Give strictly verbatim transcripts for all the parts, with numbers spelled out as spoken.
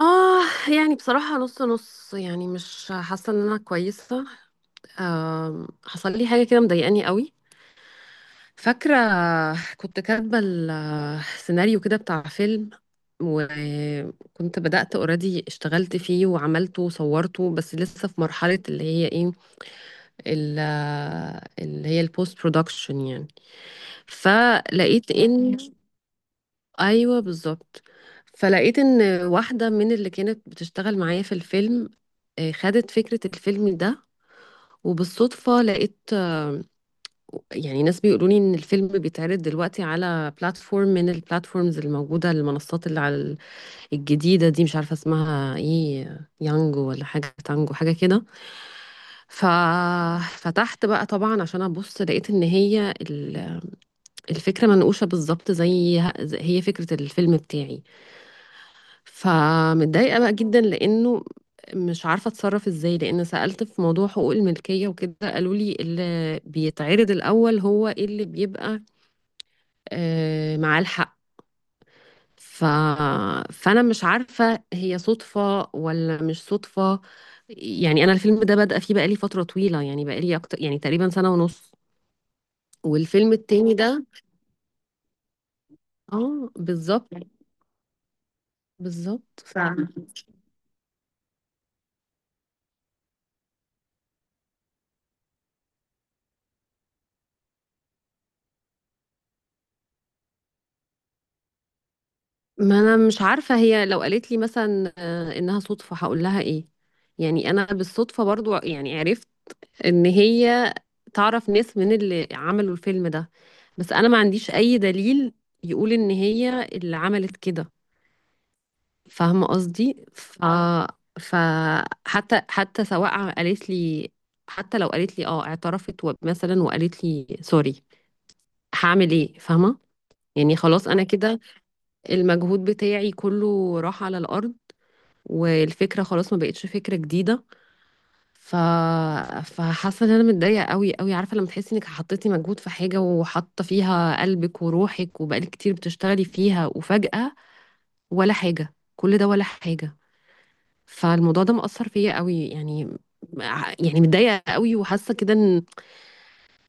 اه. يعني بصراحة، نص نص، يعني مش حاسة ان انا كويسة. آم، حصل لي حاجة كده مضايقاني قوي. فاكرة، كنت كاتبة السيناريو كده بتاع فيلم، وكنت بدأت اوريدي اشتغلت فيه وعملته وصورته، بس لسه في مرحلة اللي هي ايه، ال- اللي هي البوست برودكشن يعني. فلقيت ان. ايوه، بالظبط. فلقيت ان واحده من اللي كانت بتشتغل معايا في الفيلم آه، خدت فكره الفيلم ده. وبالصدفه لقيت، آه، يعني ناس بيقولوا لي ان الفيلم بيتعرض دلوقتي على بلاتفورم من البلاتفورمز الموجوده، المنصات اللي على ال- الجديده دي. مش عارفه اسمها ايه، يانجو ولا حاجه، تانجو، حاجه كده. ففتحت بقى طبعا عشان ابص، لقيت ان هي ال- الفكره منقوشه بالظبط، زي زي- هي فكره الفيلم بتاعي. فمتضايقة بقى جدا، لأنه مش عارفة اتصرف ازاي، لأن سألت في موضوع حقوق الملكية وكده قالوا لي اللي بيتعرض الأول هو اللي بيبقى آه، معاه الحق. ف... فأنا مش عارفة هي صدفة ولا مش صدفة. يعني أنا الفيلم ده بادئة فيه بقالي فترة طويلة، يعني بقالي أكتر، يعني تقريبا سنة ونص. والفيلم التاني ده. اه، بالظبط. بالظبط. ف... ما انا مش عارفه، هي لو قالت لي مثلا آه، انها صدفه هقول لها ايه؟ يعني انا بالصدفه برضو يعني عرفت ان هي تعرف ناس من اللي عملوا الفيلم ده، بس انا ما عنديش اي دليل يقول ان هي اللي عملت كده، فاهمه قصدي. ف فحتى حتى حتى سواء قالت لي، حتى لو قالت لي اه اعترفت و- مثلا وقالت لي سوري، هعمل ايه؟ فاهمه؟ يعني خلاص انا كده، المجهود بتاعي كله راح على الارض، والفكره خلاص ما بقتش فكره جديده. ف فحاسه ان انا متضايقه قوي قوي. عارفه لما تحسي انك حطيتي مجهود في حاجه، وحاطه فيها قلبك وروحك، وبقالك كتير بتشتغلي فيها، وفجاه ولا حاجه، كل ده ولا حاجه. فالموضوع ده مأثر فيا قوي يعني. يعني متضايقه قوي، وحاسه كده ان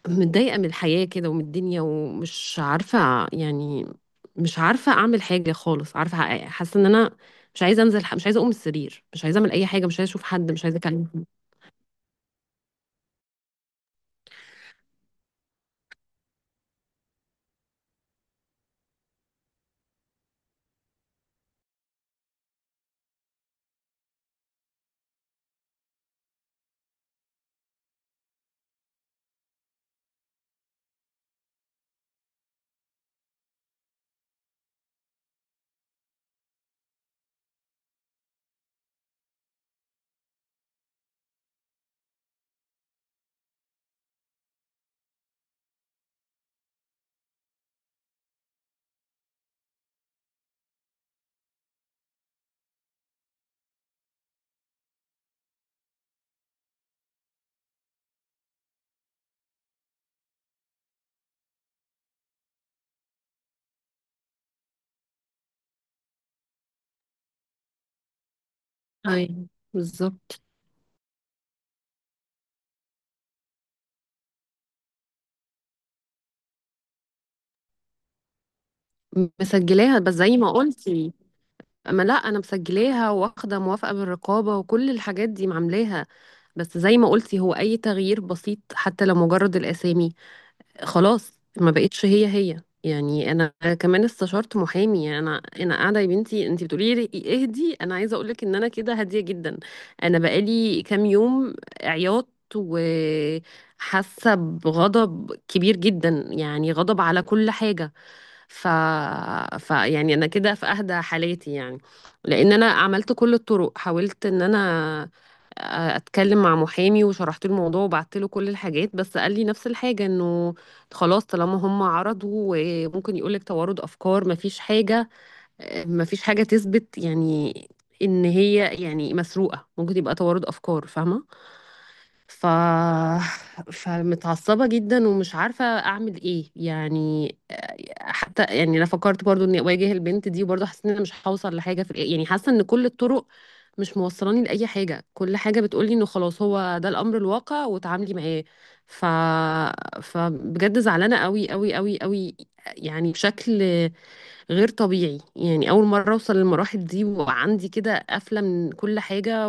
متضايقه من الحياه كده، ومن الدنيا، ومش عارفه يعني. مش عارفه اعمل حاجه خالص، عارفه، حاسه ان انا مش عايزه انزل، مش عايزه اقوم من السرير، مش عايزه اعمل اي حاجه، مش عايزه اشوف حد، مش عايزه اكلم. ايوه، بالظبط. مسجلاها، بس زي ما قلتي. ما لا انا مسجلاها، واخده موافقه من الرقابه، وكل الحاجات دي معاملاها. بس زي ما قلتي، هو اي تغيير بسيط حتى لو مجرد الاسامي خلاص ما بقتش هي هي يعني انا. كمان استشرت محامي. يعني انا انا قاعده يا بنتي، انت بتقولي لي اهدي، انا عايزه اقول لك ان انا كده هاديه جدا. انا بقالي كام يوم عياط، وحاسه بغضب كبير جدا، يعني غضب على كل حاجه. ف... ف يعني انا كده في اهدى حالاتي يعني، لان انا عملت كل الطرق. حاولت ان انا آه، اتكلم مع محامي وشرحت له الموضوع وبعت له كل الحاجات، بس قال لي نفس الحاجه، انه خلاص طالما هم عرضوا، وممكن يقول لك توارد افكار، مفيش حاجه آه، مفيش حاجه تثبت يعني ان هي يعني مسروقه، ممكن يبقى توارد افكار، فاهمه؟ ف فمتعصبة جدا، ومش عارفة أعمل إيه يعني آه، حتى يعني أنا فكرت برضو إني أواجه البنت دي، وبرضو حسيت إن أنا مش هوصل لحاجة في الآخر. يعني حاسة إن كل الطرق مش موصلاني لأي حاجة. كل حاجة بتقولي إنه خلاص هو ده الأمر الواقع وتعاملي معاه. ف فبجد زعلانة قوي قوي قوي قوي، يعني بشكل غير طبيعي. يعني أول مرة أوصل للمراحل دي، وعندي كده قفلة من كل حاجة.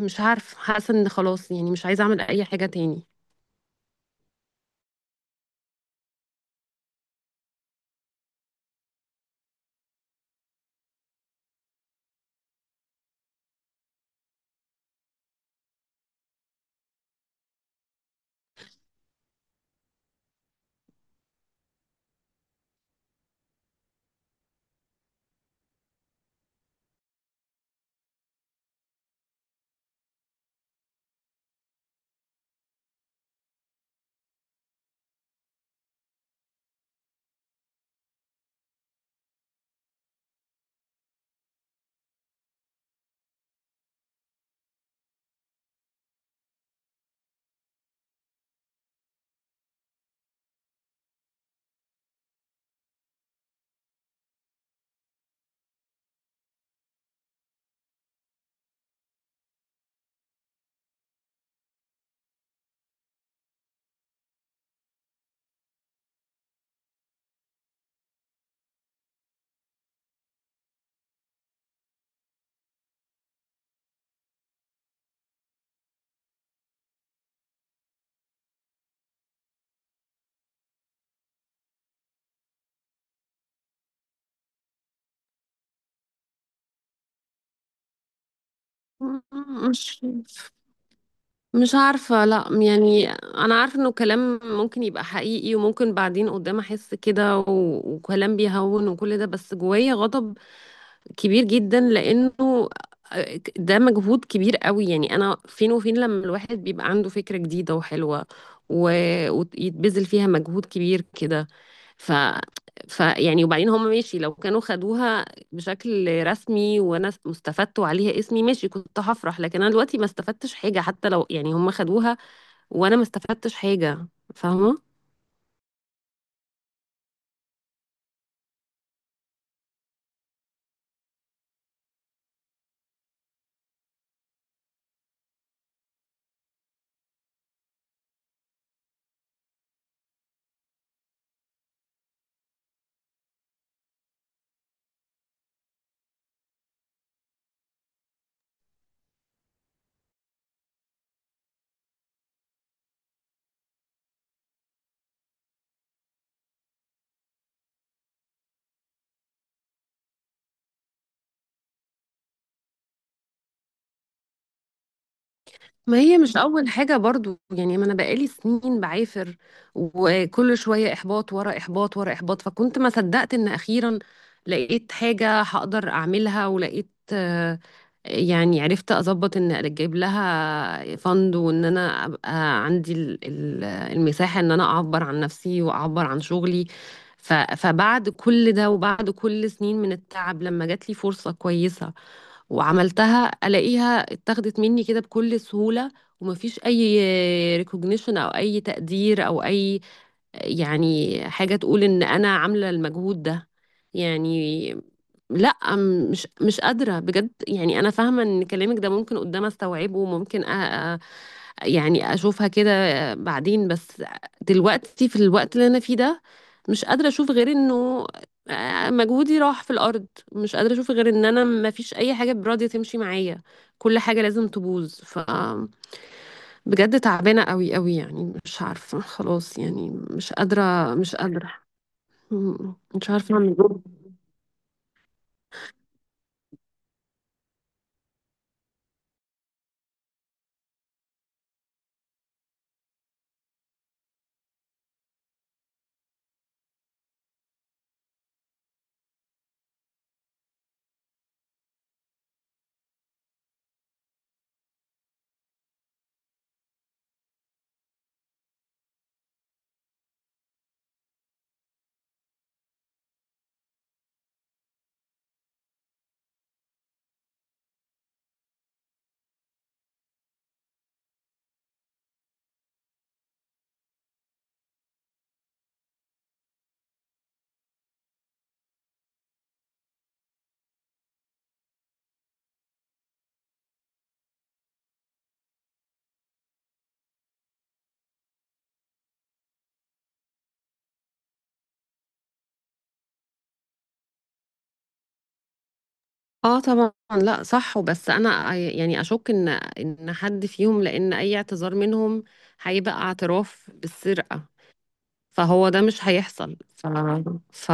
مش عارفة، حاسة ان خلاص، يعني مش عايزة اعمل اي حاجة تاني. مش مش عارفة. لا يعني أنا عارفة إنه كلام ممكن يبقى حقيقي، وممكن بعدين قدام أحس كده و... وكلام بيهون وكل ده، بس جوايا غضب كبير جدا لانه آه، ده مجهود كبير قوي. يعني انا فين وفين، لما الواحد بيبقى عنده فكرة جديدة وحلوة و... ويتبذل فيها مجهود كبير كده. ف... ف يعني وبعدين هم ماشي، لو كانوا خدوها بشكل رسمي وانا استفدت وعليها اسمي ماشي، كنت هفرح. لكن انا دلوقتي ما استفدتش حاجة. حتى لو يعني هم خدوها، وانا ما استفدتش حاجة، فاهمة؟ ما هي مش أول حاجة برضو، يعني ما أنا بقالي سنين بعافر، وكل شوية إحباط ورا إحباط ورا إحباط. فكنت ما صدقت إن أخيرا لقيت حاجة هقدر أعملها، ولقيت آه، يعني عرفت أظبط إن أجيب لها فند، وإن أنا أبقى عندي ال- ال- المساحة إن أنا أعبر عن نفسي وأعبر عن شغلي. ف- فبعد كل ده، وبعد كل سنين من التعب، لما جات لي فرصة كويسة وعملتها، الاقيها اتاخدت مني كده بكل سهولة، ومفيش اي ريكوجنيشن او اي تقدير او اي، يعني حاجة تقول ان انا عاملة المجهود ده يعني. لا م- مش مش قادرة بجد. يعني انا فاهمة ان كلامك ده ممكن قدام استوعبه، وممكن أ- يعني اشوفها كده بعدين، بس دلوقتي في الوقت اللي انا فيه ده مش قادرة اشوف غير انه مجهودي راح في الارض. مش قادرة اشوف غير ان انا ما فيش اي حاجة براضية تمشي معايا، كل حاجة لازم تبوظ. ف بجد تعبانة قوي قوي، يعني مش عارفة خلاص، يعني مش قادرة، مش قادرة. م- مش عارفة اعمل إيه. اه، طبعا. لا، صح. وبس انا يعني اشك ان ان حد فيهم، لان اي اعتذار منهم هيبقى اعتراف بالسرقة، فهو ده مش هيحصل. ف ف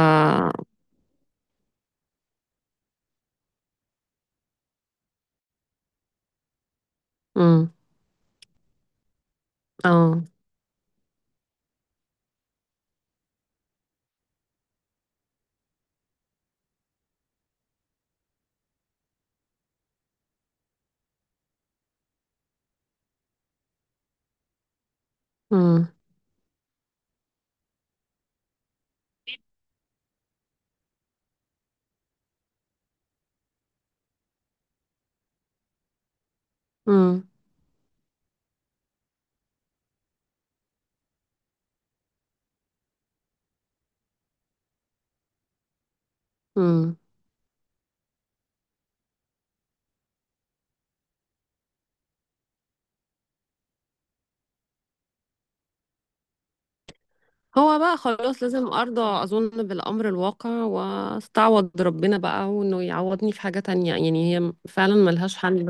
امم. اه. امم. امم. امم. هو بقى خلاص لازم ارضى اظن بالامر الواقع، واستعوض ربنا بقى، وانه يعوضني في حاجة تانية، يعني هي فعلا ملهاش حل.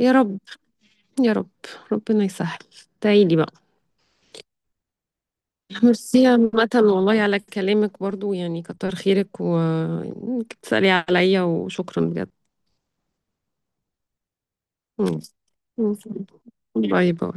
يا رب، يا رب. ربنا يسهل. تعيدي بقى. ميرسي عامة، والله على كلامك برضو، يعني كتر خيرك وانك تسألي عليا، وشكرا بجد. مم. مم. باي باي.